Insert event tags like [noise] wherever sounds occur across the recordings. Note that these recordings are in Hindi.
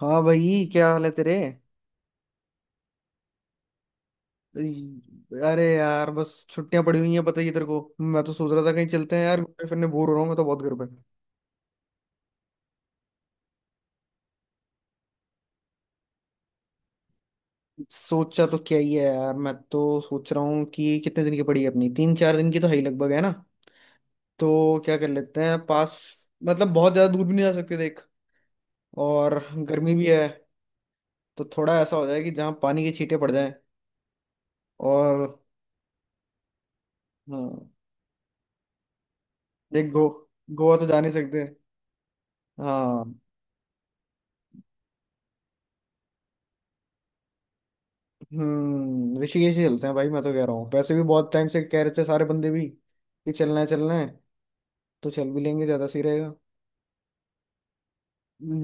हाँ भाई, क्या हाल है तेरे। अरे अरे यार, बस छुट्टियां पड़ी हुई हैं, पता ही है तेरे को। मैं तो सोच रहा था कहीं चलते हैं यार, घूमने फिरने। बोर हो रहा हूँ मैं तो बहुत घर पे। सोचा तो क्या ही है यार, मैं तो सोच रहा हूँ कि कितने दिन की पड़ी है अपनी। 3 4 दिन की तो है ही लगभग, है ना। तो क्या कर लेते हैं पास। मतलब बहुत ज्यादा दूर भी नहीं जा सकते, देख। और गर्मी भी है, तो थोड़ा ऐसा हो जाए कि जहाँ पानी के छींटे पड़ जाएं। और हाँ, देख, गो गोवा तो जा नहीं सकते। हाँ, हम्म, ऋषिकेश ही चलते हैं भाई। मैं तो कह रहा हूँ, पैसे भी बहुत टाइम से कह रहे थे सारे बंदे भी कि चलना है चलना है, तो चल भी लेंगे, ज्यादा सही रहेगा।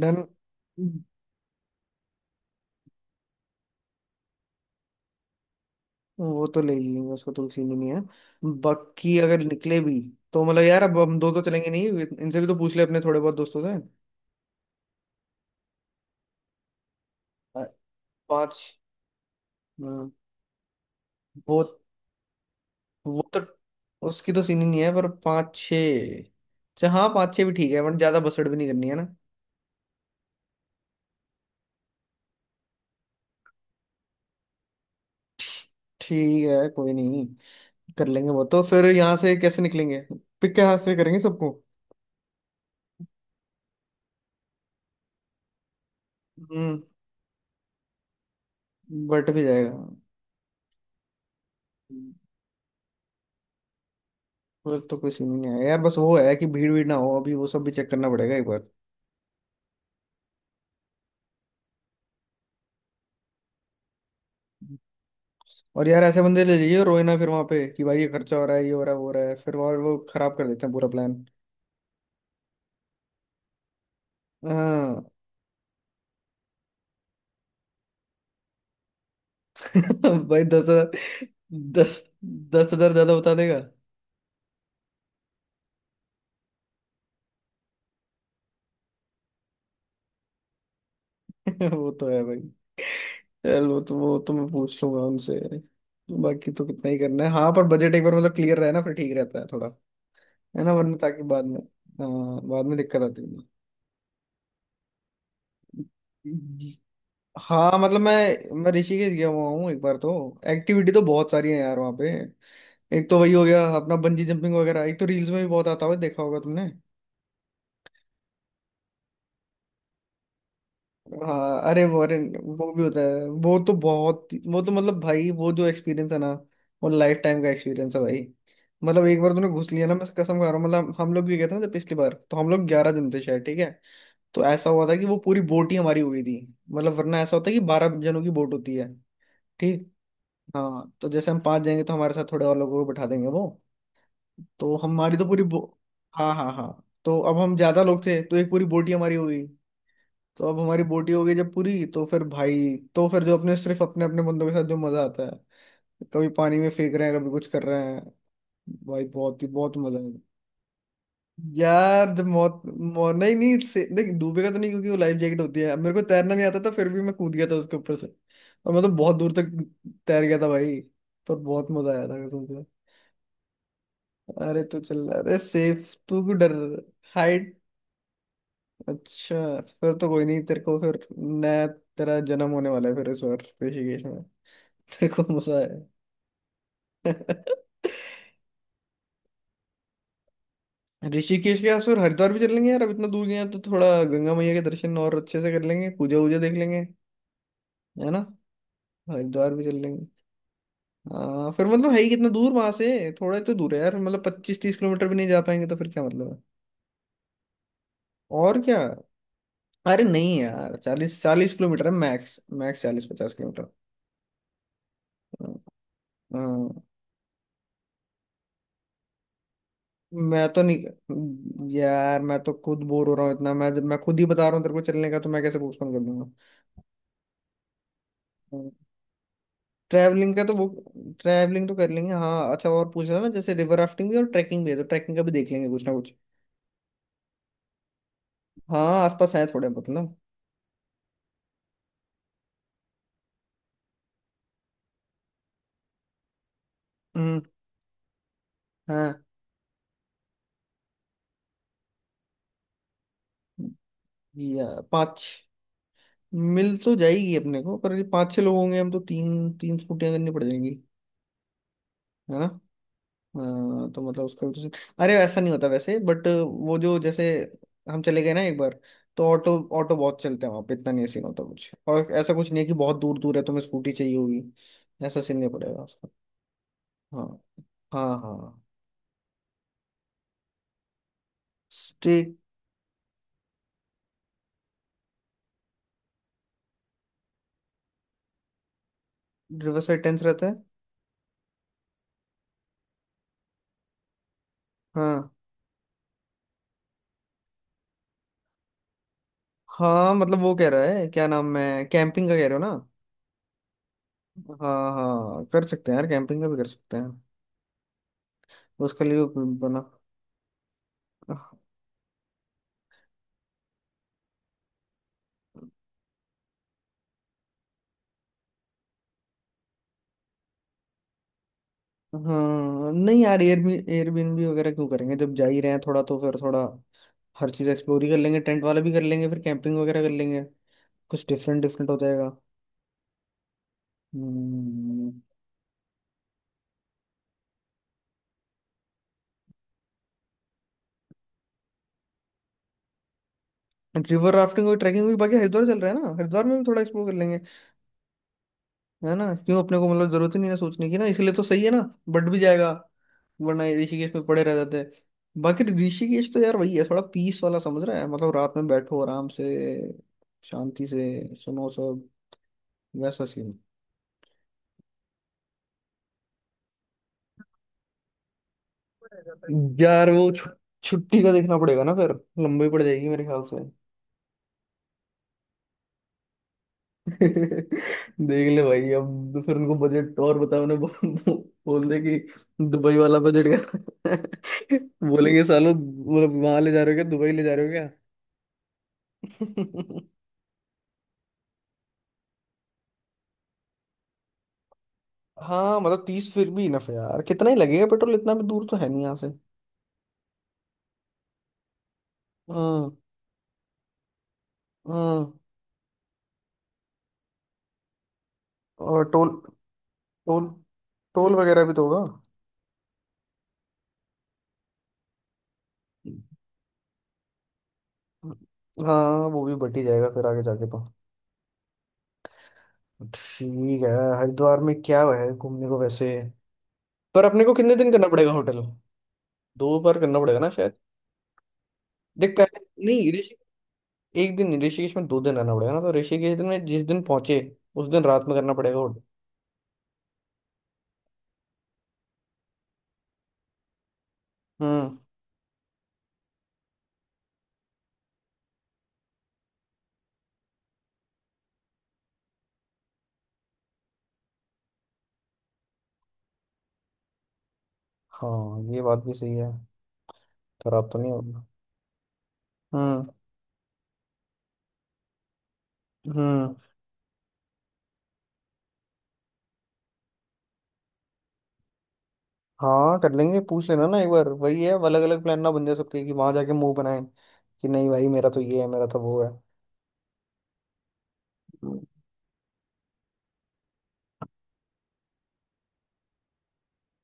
डन। वो तो ले ही लेंगे, उसको तो सीन ही नहीं है। बाकी अगर निकले भी, तो मतलब यार, अब हम दो तो चलेंगे नहीं। इनसे भी तो पूछ ले अपने थोड़े बहुत दोस्तों से। अ, पाँच। हाँ, वो वो तो उसकी तो सीन ही नहीं है। पर पाँच छः, अच्छा हाँ पाँच छः भी ठीक है, बट ज्यादा बसड़ भी नहीं करनी है ना। ठीक है, कोई नहीं, कर लेंगे वो तो। फिर यहाँ से कैसे निकलेंगे, पिक के हाथ से करेंगे सबको। हम्म। बट भी जाएगा। हम्म, फिर तो कोई सीन नहीं है यार। बस वो है कि भीड़ भीड़ ना हो, अभी वो सब भी चेक करना पड़ेगा एक बार। और यार, ऐसे बंदे ले जाइए रोए ना फिर वहां पे कि भाई ये खर्चा हो रहा है, ये हो रहा है, वो हो रहा है, फिर और वो खराब कर देते हैं पूरा प्लान। हाँ। [laughs] भाई 10,000। दस दस हजार ज्यादा बता देगा। [laughs] वो तो है भाई। चल, वो तो, वो तो मैं पूछ लूंगा उनसे। बाकी तो कितना ही करना है, हाँ, पर बजट एक बार मतलब क्लियर रहे ना, फिर ठीक रहता है थोड़ा। है ना, वरना ताकि बाद में। हाँ, बाद में दिक्कत आती है। हाँ मतलब, मैं ऋषिकेश गया हुआ हूँ एक बार तो। एक्टिविटी तो बहुत सारी है यार वहाँ पे। एक तो वही हो गया अपना बंजी जंपिंग वगैरह, एक तो रील्स में भी बहुत आता हुआ देखा होगा तुमने। हाँ, अरे वॉरेन वो भी होता है। वो तो बहुत, वो तो मतलब भाई, वो जो एक्सपीरियंस है ना, वो लाइफ टाइम का एक्सपीरियंस है भाई। मतलब एक बार तूने घुस लिया ना, मैं कसम खा रहा हूँ। मतलब हम लोग भी गए थे ना जब पिछली बार, तो हम लोग 11 जन थे शायद, ठीक है। तो ऐसा हुआ था कि वो पूरी बोट ही हमारी हो गई थी। मतलब वरना ऐसा होता है कि 12 जनों की बोट होती है। ठीक। हाँ, तो जैसे हम पांच जाएंगे, तो हमारे साथ थोड़े और लोगों को बैठा देंगे वो। तो हमारी तो पूरी बो, हाँ हाँ हाँ, तो अब हम ज्यादा लोग थे तो एक पूरी बोट ही हमारी हो गई। तो अब हमारी बोटी हो गई जब पूरी, तो फिर भाई, तो फिर जो अपने सिर्फ अपने अपने बंदों के साथ जो मजा आता है। कभी पानी में फेंक रहे हैं, कभी कुछ कर रहे हैं, भाई बहुत ही बहुत मजा है। यार जब मौत मौ, नहीं नहीं से, नहीं डूबेगा तो नहीं, क्योंकि वो लाइफ जैकेट होती है। अब मेरे को तैरना नहीं आता था, फिर भी मैं कूद गया था उसके ऊपर से। और मैं तो बहुत दूर तक तैर गया था भाई। पर बहुत मजा आया था कसम से। अरे तू चल, अरे सेफ, तू क्यों डर। हाइट। अच्छा, फिर तो कोई नहीं, तेरे को फिर नया तेरा जन्म होने वाला है फिर इस बार ऋषिकेश। [laughs] कौन सा है। ऋषिकेश के आसपास हरिद्वार भी चलेंगे यार। अब इतना दूर गए हैं तो थोड़ा गंगा मैया के दर्शन और अच्छे से कर लेंगे, पूजा वूजा देख लेंगे, है ना। हरिद्वार भी चल लेंगे। हाँ, फिर मतलब है ही कितना दूर वहां से। थोड़ा ही तो दूर है यार, मतलब 25 30 किलोमीटर भी नहीं। जा पाएंगे तो फिर क्या मतलब है। और क्या, अरे नहीं यार, 40 40 किलोमीटर है मैक्स मैक्स, 40 50 किलोमीटर। हाँ, मैं तो नहीं यार, मैं तो खुद बोर हो रहा हूँ इतना। मैं खुद ही बता रहा हूँ तेरे को चलने का, तो मैं कैसे पोस्टपोन कर दूंगा। ट्रैवलिंग का तो वो, ट्रैवलिंग तो कर लेंगे। हाँ अच्छा, और पूछ रहा ना, जैसे रिवर राफ्टिंग भी और ट्रैकिंग भी है, तो ट्रैकिंग का भी देख लेंगे कुछ ना कुछ। हाँ आसपास है थोड़े मतलब। हम्म। हाँ। या पाँच, मिल तो जाएगी अपने को, पर ये पाँच छह लोग होंगे हम, तो तीन तीन स्कूटियाँ करनी पड़ जाएंगी, है ना। हाँ, तो मतलब उसका भी तो। अरे वैसा नहीं होता, वैसे बट वो जो, जैसे हम चले गए ना एक बार, तो ऑटो ऑटो बहुत चलते हैं वहाँ पे, इतना नहीं सीन होता कुछ। और ऐसा कुछ नहीं है कि बहुत दूर दूर है तुम्हें स्कूटी चाहिए होगी। ऐसा सीन नहीं पड़ेगा उसका। हाँ। हाँ हाँ। स्टेट। रिवर साइड टेंस रहता है। हाँ हाँ मतलब वो कह रहा है, क्या नाम है कैंपिंग का, कह रहे हो ना। हाँ हाँ, कर सकते हैं यार, कैंपिंग का भी कर सकते हैं। उसके लिए भी बना। हाँ नहीं यार, एयरबीएनबी वगैरह क्यों करेंगे, जब जा ही रहे हैं थोड़ा, तो फिर थोड़ा हर चीज़ एक्सप्लोर ही कर लेंगे। टेंट वाला भी कर लेंगे, फिर कैंपिंग वगैरह कर लेंगे, कुछ डिफरेंट डिफरेंट हो जाएगा। हम्म। रिवर राफ्टिंग और ट्रैकिंग भी, बाकी हरिद्वार चल रहा है ना, हरिद्वार में भी थोड़ा एक्सप्लोर कर लेंगे। है ना, क्यों अपने को मतलब जरूरत ही नहीं है सोचने की ना, इसलिए तो सही है ना, बढ़ भी जाएगा, वरना ये ऋषिकेश में पड़े रह जाते हैं। बाकी ऋषिकेश तो यार वही है, थोड़ा पीस वाला, समझ रहा है। मतलब रात में बैठो आराम से, शांति से सुनो सब, वैसा सीन। यार वो छुट्टी का देखना पड़ेगा ना फिर, लंबी पड़ जाएगी मेरे ख्याल से। [laughs] देख ले भाई, अब तो फिर उनको बजट और बताओ उन्हें, बोल दे कि दुबई वाला बजट का। [laughs] बोलेंगे सालों, मतलब वहां ले जा रहे हो, क्या दुबई ले जा रहे हो। [laughs] हाँ मतलब 30 फिर भी इनफ है यार, कितना ही लगेगा पेट्रोल, इतना भी दूर तो है नहीं यहाँ से। हम्म। हम्म। और टोल, टोल, टोल वगैरह भी तो होगा। हाँ, वो भी बट ही जाएगा फिर आगे जाके तो। ठीक है। हरिद्वार में क्या है घूमने को वैसे। पर अपने को कितने दिन करना पड़ेगा होटल, दो बार करना पड़ेगा ना शायद। देख पहले नहीं, ऋषि एक दिन, ऋषिकेश में दो दिन रहना पड़ेगा ना। तो ऋषिकेश में जिस दिन पहुंचे, उस दिन रात में करना पड़ेगा होटल। हम्म। हाँ, ये बात भी सही है। खराब तो नहीं होगा। हम्म। हम्म। हाँ, कर लेंगे पूछ लेना ना एक बार। वही है, अलग अलग प्लान ना बन जाए सबके, कि वहां जाके मुंह बनाए कि नहीं भाई, मेरा तो ये है, मेरा तो वो है।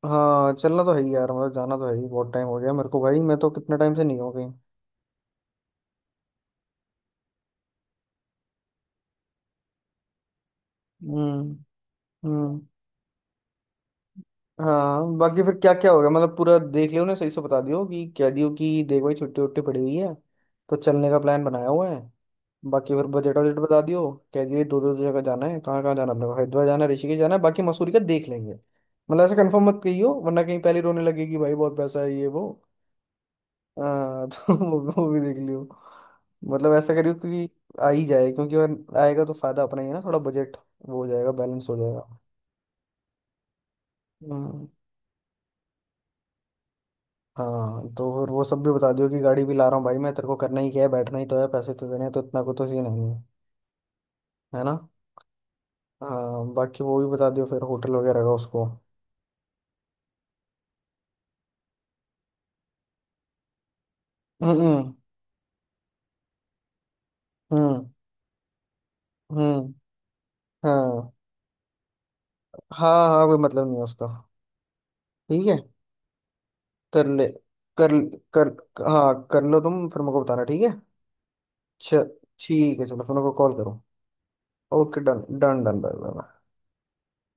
हाँ चलना तो है ही यार, मतलब जाना तो है ही, बहुत टाइम हो गया मेरे को भाई, मैं तो कितने टाइम से नहीं हूँ कहीं। हम्म। हम्म। हाँ बाकी फिर क्या क्या होगा, मतलब पूरा देख लियो ना, सही से बता दियो कि कह दियो कि देख भाई, छुट्टी वुट्टी पड़ी हुई है, तो चलने का प्लान बनाया हुआ है। बाकी फिर बजट वजट बता दियो, कह दियो दो दो जगह जाना है, कहाँ कहाँ जाना है, अपने को हरिद्वार जाना है, ऋषिकेश जाना है, बाकी मसूरी का देख लेंगे। मतलब ऐसा कंफर्म मत कहियो, वरना कहीं पहले रोने लगेगी भाई, बहुत पैसा है, ये वो। हाँ। [laughs] तो वो भी देख लियो। मतलब ऐसा करियो कि आ ही जाए, क्योंकि अगर आएगा तो फायदा अपना ही है ना, थोड़ा बजट वो हो जाएगा, बैलेंस हो जाएगा। हम्म, हाँ तो फिर वो सब भी बता दियो कि गाड़ी भी ला रहा हूँ भाई, मैं तेरे को करना ही क्या है, बैठना ही तो है, पैसे तो देने हैं, तो इतना को तो सीन नहीं है, है ना। हाँ बाकी वो भी बता दियो फिर होटल वगैरह का उसको। हम्म। हम्म। हम्म। हाँ हाँ, हाँ कोई मतलब नहीं है उसका। ठीक है, कर ले, कर कर। हाँ कर लो तुम, फिर मेरे को बताना, ठीक है। च- ठीक है, चलो फिर मेरे को कॉल करो। Okay, done done done, bye bye.